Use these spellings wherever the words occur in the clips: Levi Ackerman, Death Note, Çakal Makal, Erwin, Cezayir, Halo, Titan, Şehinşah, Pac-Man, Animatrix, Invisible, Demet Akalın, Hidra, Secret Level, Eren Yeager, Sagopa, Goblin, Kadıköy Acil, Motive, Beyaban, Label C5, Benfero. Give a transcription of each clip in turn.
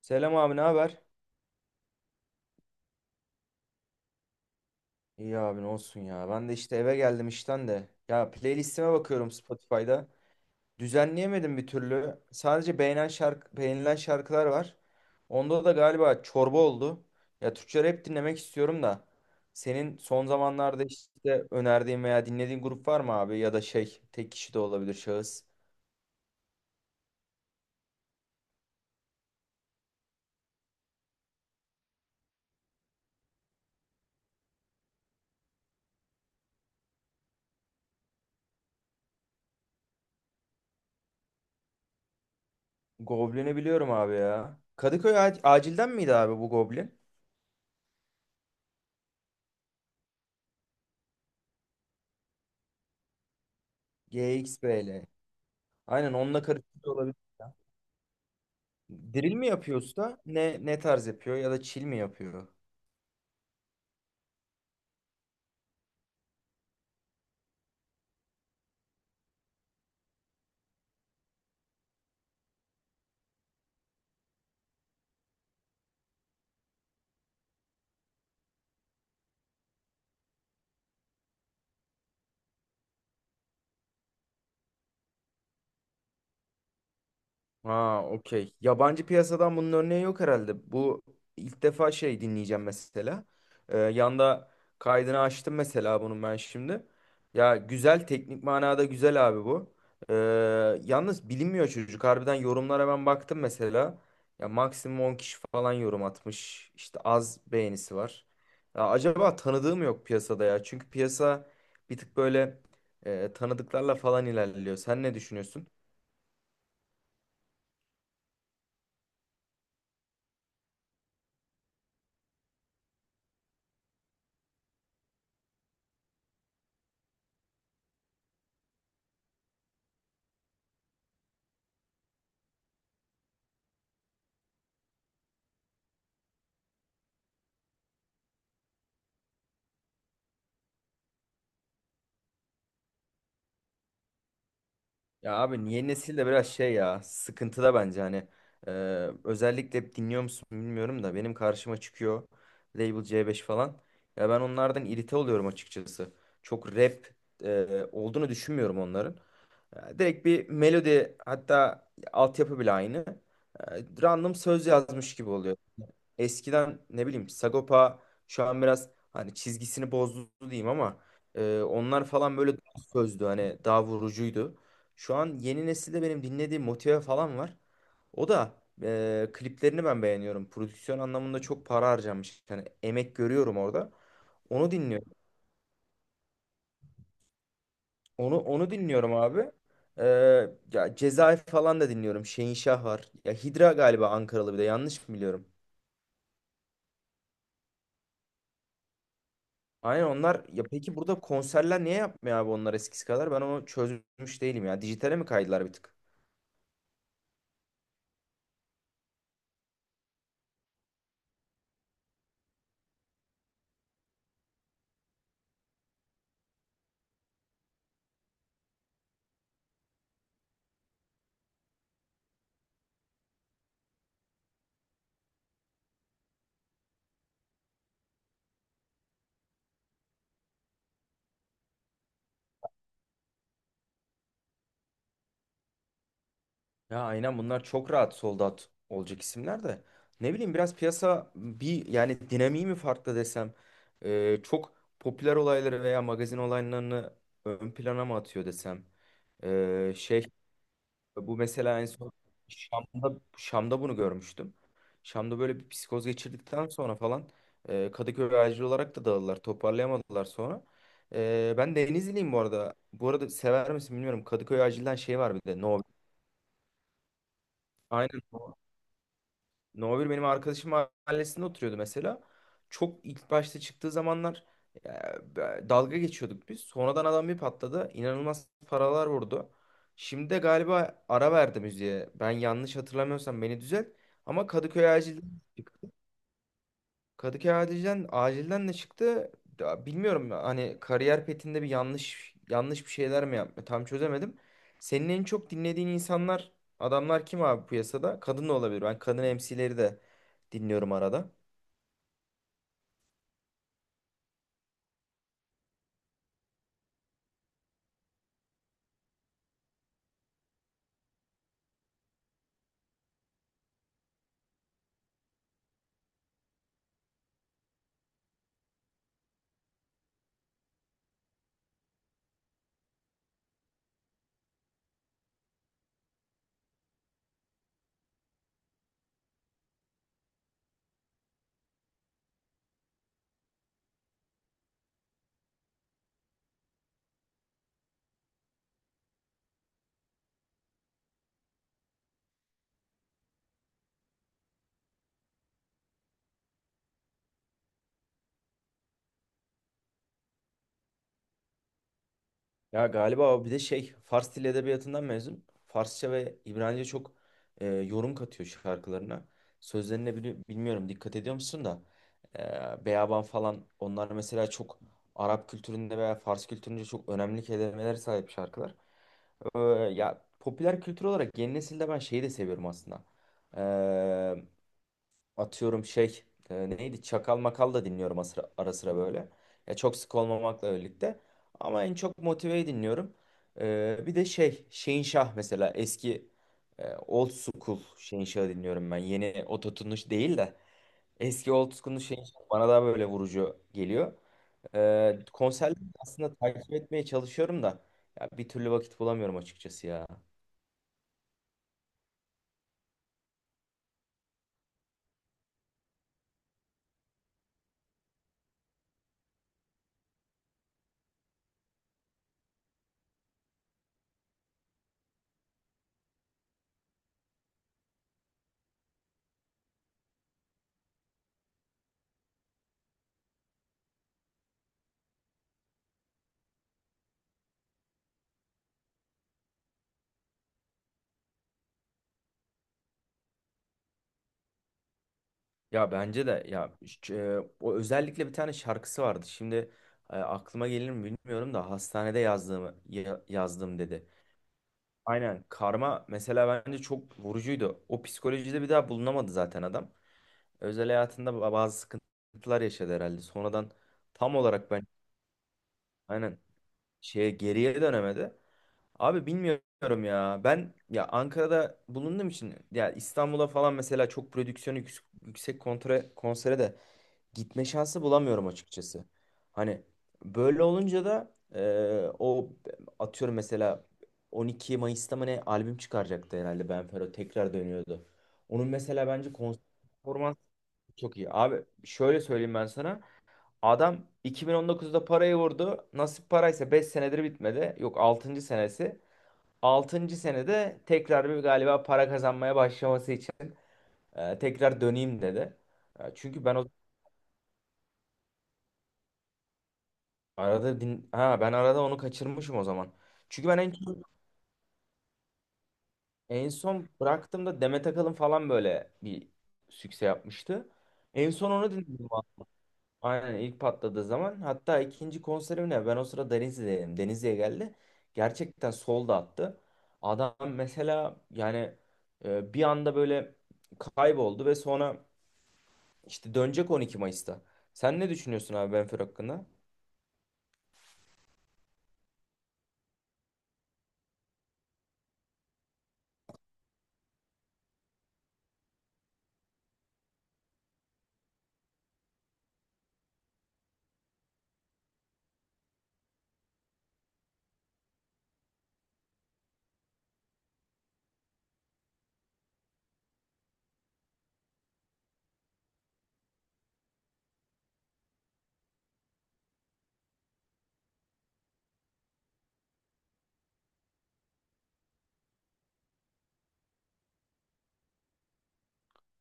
Selam abi ne haber? İyi abi ne olsun ya. Ben de işte eve geldim işten de. Ya playlistime bakıyorum Spotify'da. Düzenleyemedim bir türlü. Sadece beğenen şarkı, beğenilen şarkılar var. Onda da galiba çorba oldu. Ya Türkçe rap dinlemek istiyorum da. Senin son zamanlarda işte önerdiğin veya dinlediğin grup var mı abi? Ya da şey tek kişi de olabilir şahıs. Goblin'i biliyorum abi ya. Kadıköy acilden miydi abi bu Goblin? GXBL. Aynen onunla karıştırıyor olabilir. Drill mi yapıyor usta? Ne tarz yapıyor ya da chill mi yapıyor? Ha, okey. Yabancı piyasadan bunun örneği yok herhalde. Bu ilk defa şey dinleyeceğim mesela. Yanda kaydını açtım mesela bunun ben şimdi. Ya güzel, teknik manada güzel abi bu. Ee, Yalnız bilinmiyor çocuk. Harbiden yorumlara ben baktım mesela. Ya maksimum 10 kişi falan yorum atmış. İşte az beğenisi var. Ya acaba tanıdığım yok piyasada ya. Çünkü piyasa bir tık böyle, tanıdıklarla falan ilerliyor. Sen ne düşünüyorsun? Ya abi yeni nesil de biraz şey ya, sıkıntıda bence hani. Ee, Özellikle hep dinliyor musun bilmiyorum da benim karşıma çıkıyor Label C5 falan. Ya ben onlardan irite oluyorum açıkçası. Çok rap olduğunu düşünmüyorum onların. Ya direkt bir melodi, hatta altyapı bile aynı. E, Random söz yazmış gibi oluyor. Eskiden ne bileyim Sagopa şu an biraz hani çizgisini bozdu diyeyim ama onlar falan böyle daha sözdü, hani daha vurucuydu. Şu an yeni nesilde benim dinlediğim Motive falan var. O da kliplerini ben beğeniyorum. Prodüksiyon anlamında çok para harcamış, yani emek görüyorum orada. Onu dinliyorum. Onu dinliyorum abi. E, Ya Cezayir falan da dinliyorum. Şehinşah var. Ya Hidra galiba Ankaralı, bir de yanlış mı biliyorum? Aynen onlar ya, peki burada konserler niye yapmıyor abi onlar eskisi kadar? Ben onu çözmüş değilim ya. Dijitale mi kaydılar bir tık? Ya aynen bunlar çok rahat sold out olacak isimler de. Ne bileyim biraz piyasa bir yani dinamiği mi farklı desem? Çok popüler olayları veya magazin olaylarını ön plana mı atıyor desem? Şey, bu mesela en son Şam'da, Şam'da bunu görmüştüm. Şam'da böyle bir psikoz geçirdikten sonra falan Kadıköy acil olarak da dağıldılar. Toparlayamadılar sonra. Ben Denizliyim bu arada. Bu arada sever misin bilmiyorum. Kadıköy acilden şey var bir de. No. Aynen. No bir benim arkadaşım mahallesinde oturuyordu mesela. Çok ilk başta çıktığı zamanlar e, dalga geçiyorduk biz. Sonradan adam bir patladı. İnanılmaz paralar vurdu. Şimdi de galiba ara verdi müziğe. Ben yanlış hatırlamıyorsam beni düzelt. Ama Kadıköy acilden de çıktı. Ya bilmiyorum, hani kariyer petinde bir yanlış yanlış bir şeyler mi yaptı? Tam çözemedim. Senin en çok dinlediğin insanlar, adamlar kim abi piyasada? Kadın da olabilir. Ben kadın MC'leri de dinliyorum arada. Ya galiba o bir de şey Fars Dili Edebiyatı'ndan mezun. Farsça ve İbranice çok yorum katıyor şarkılarına. Sözlerine bilmiyorum dikkat ediyor musun da Beyaban falan onlar mesela çok Arap kültüründe veya Fars kültüründe çok önemli kelimelere sahip şarkılar. E, Ya popüler kültür olarak yeni nesilde ben şeyi de seviyorum aslında. E, Atıyorum şey, neydi Çakal Makal da dinliyorum ara sıra, ara sıra böyle. Ya çok sık olmamakla birlikte ama en çok Motive'yi dinliyorum. Bir de şey Şehinşah mesela eski old school Şehinşah'ı dinliyorum ben. Yeni ototunuş değil de eski old school Şehinşah bana daha böyle vurucu geliyor. Konserleri aslında takip etmeye çalışıyorum da ya bir türlü vakit bulamıyorum açıkçası ya. Ya bence de ya, o özellikle bir tane şarkısı vardı. Şimdi aklıma gelir mi bilmiyorum da hastanede yazdığımı yazdım dedi. Aynen karma mesela bence çok vurucuydu. O psikolojide bir daha bulunamadı zaten adam. Özel hayatında bazı sıkıntılar yaşadı herhalde. Sonradan tam olarak ben aynen şeye geriye dönemedi. Abi bilmiyorum ya. Ben ya Ankara'da bulunduğum için ya İstanbul'a falan mesela çok prodüksiyonu yüksek, yüksek konsere de gitme şansı bulamıyorum açıkçası. Hani böyle olunca da o atıyorum mesela 12 Mayıs'ta mı ne albüm çıkaracaktı herhalde Benfero tekrar dönüyordu. Onun mesela bence konser performansı çok iyi. Abi şöyle söyleyeyim ben sana. Adam 2019'da parayı vurdu. Nasip paraysa 5 senedir bitmedi. Yok altıncı senesi. Altıncı senede tekrar bir galiba para kazanmaya başlaması için tekrar döneyim dedi. Çünkü ben o Arada din ha, ben arada onu kaçırmışım o zaman. Çünkü ben en son bıraktığımda Demet Akalın falan böyle bir sükse yapmıştı. En son onu dinledim, abi. Aynen ilk patladığı zaman. Hatta ikinci konserim ne? Ben o sıra Denizli'deydim. Denizli'ye geldi. Gerçekten sol da attı. Adam mesela yani bir anda böyle kayboldu ve sonra işte dönecek 12 Mayıs'ta. Sen ne düşünüyorsun abi Benfir hakkında?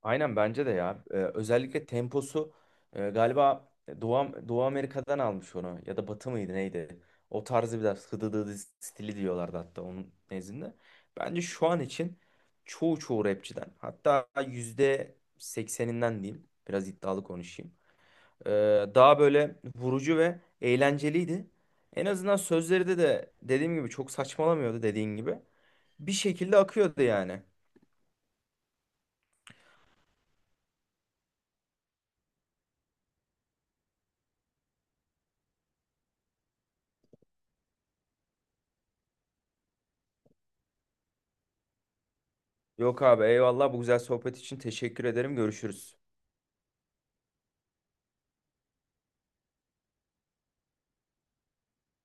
Aynen bence de ya. Özellikle temposu galiba Doğu Amerika'dan almış onu. Ya da Batı mıydı neydi? O tarzı biraz hıdıdıdı stili diyorlardı hatta onun nezdinde. Bence şu an için çoğu rapçiden hatta %80'inden diyeyim. Biraz iddialı konuşayım. Ee, Daha böyle vurucu ve eğlenceliydi. En azından sözleri de dediğim gibi çok saçmalamıyordu dediğin gibi. Bir şekilde akıyordu yani. Yok abi eyvallah bu güzel sohbet için teşekkür ederim. Görüşürüz.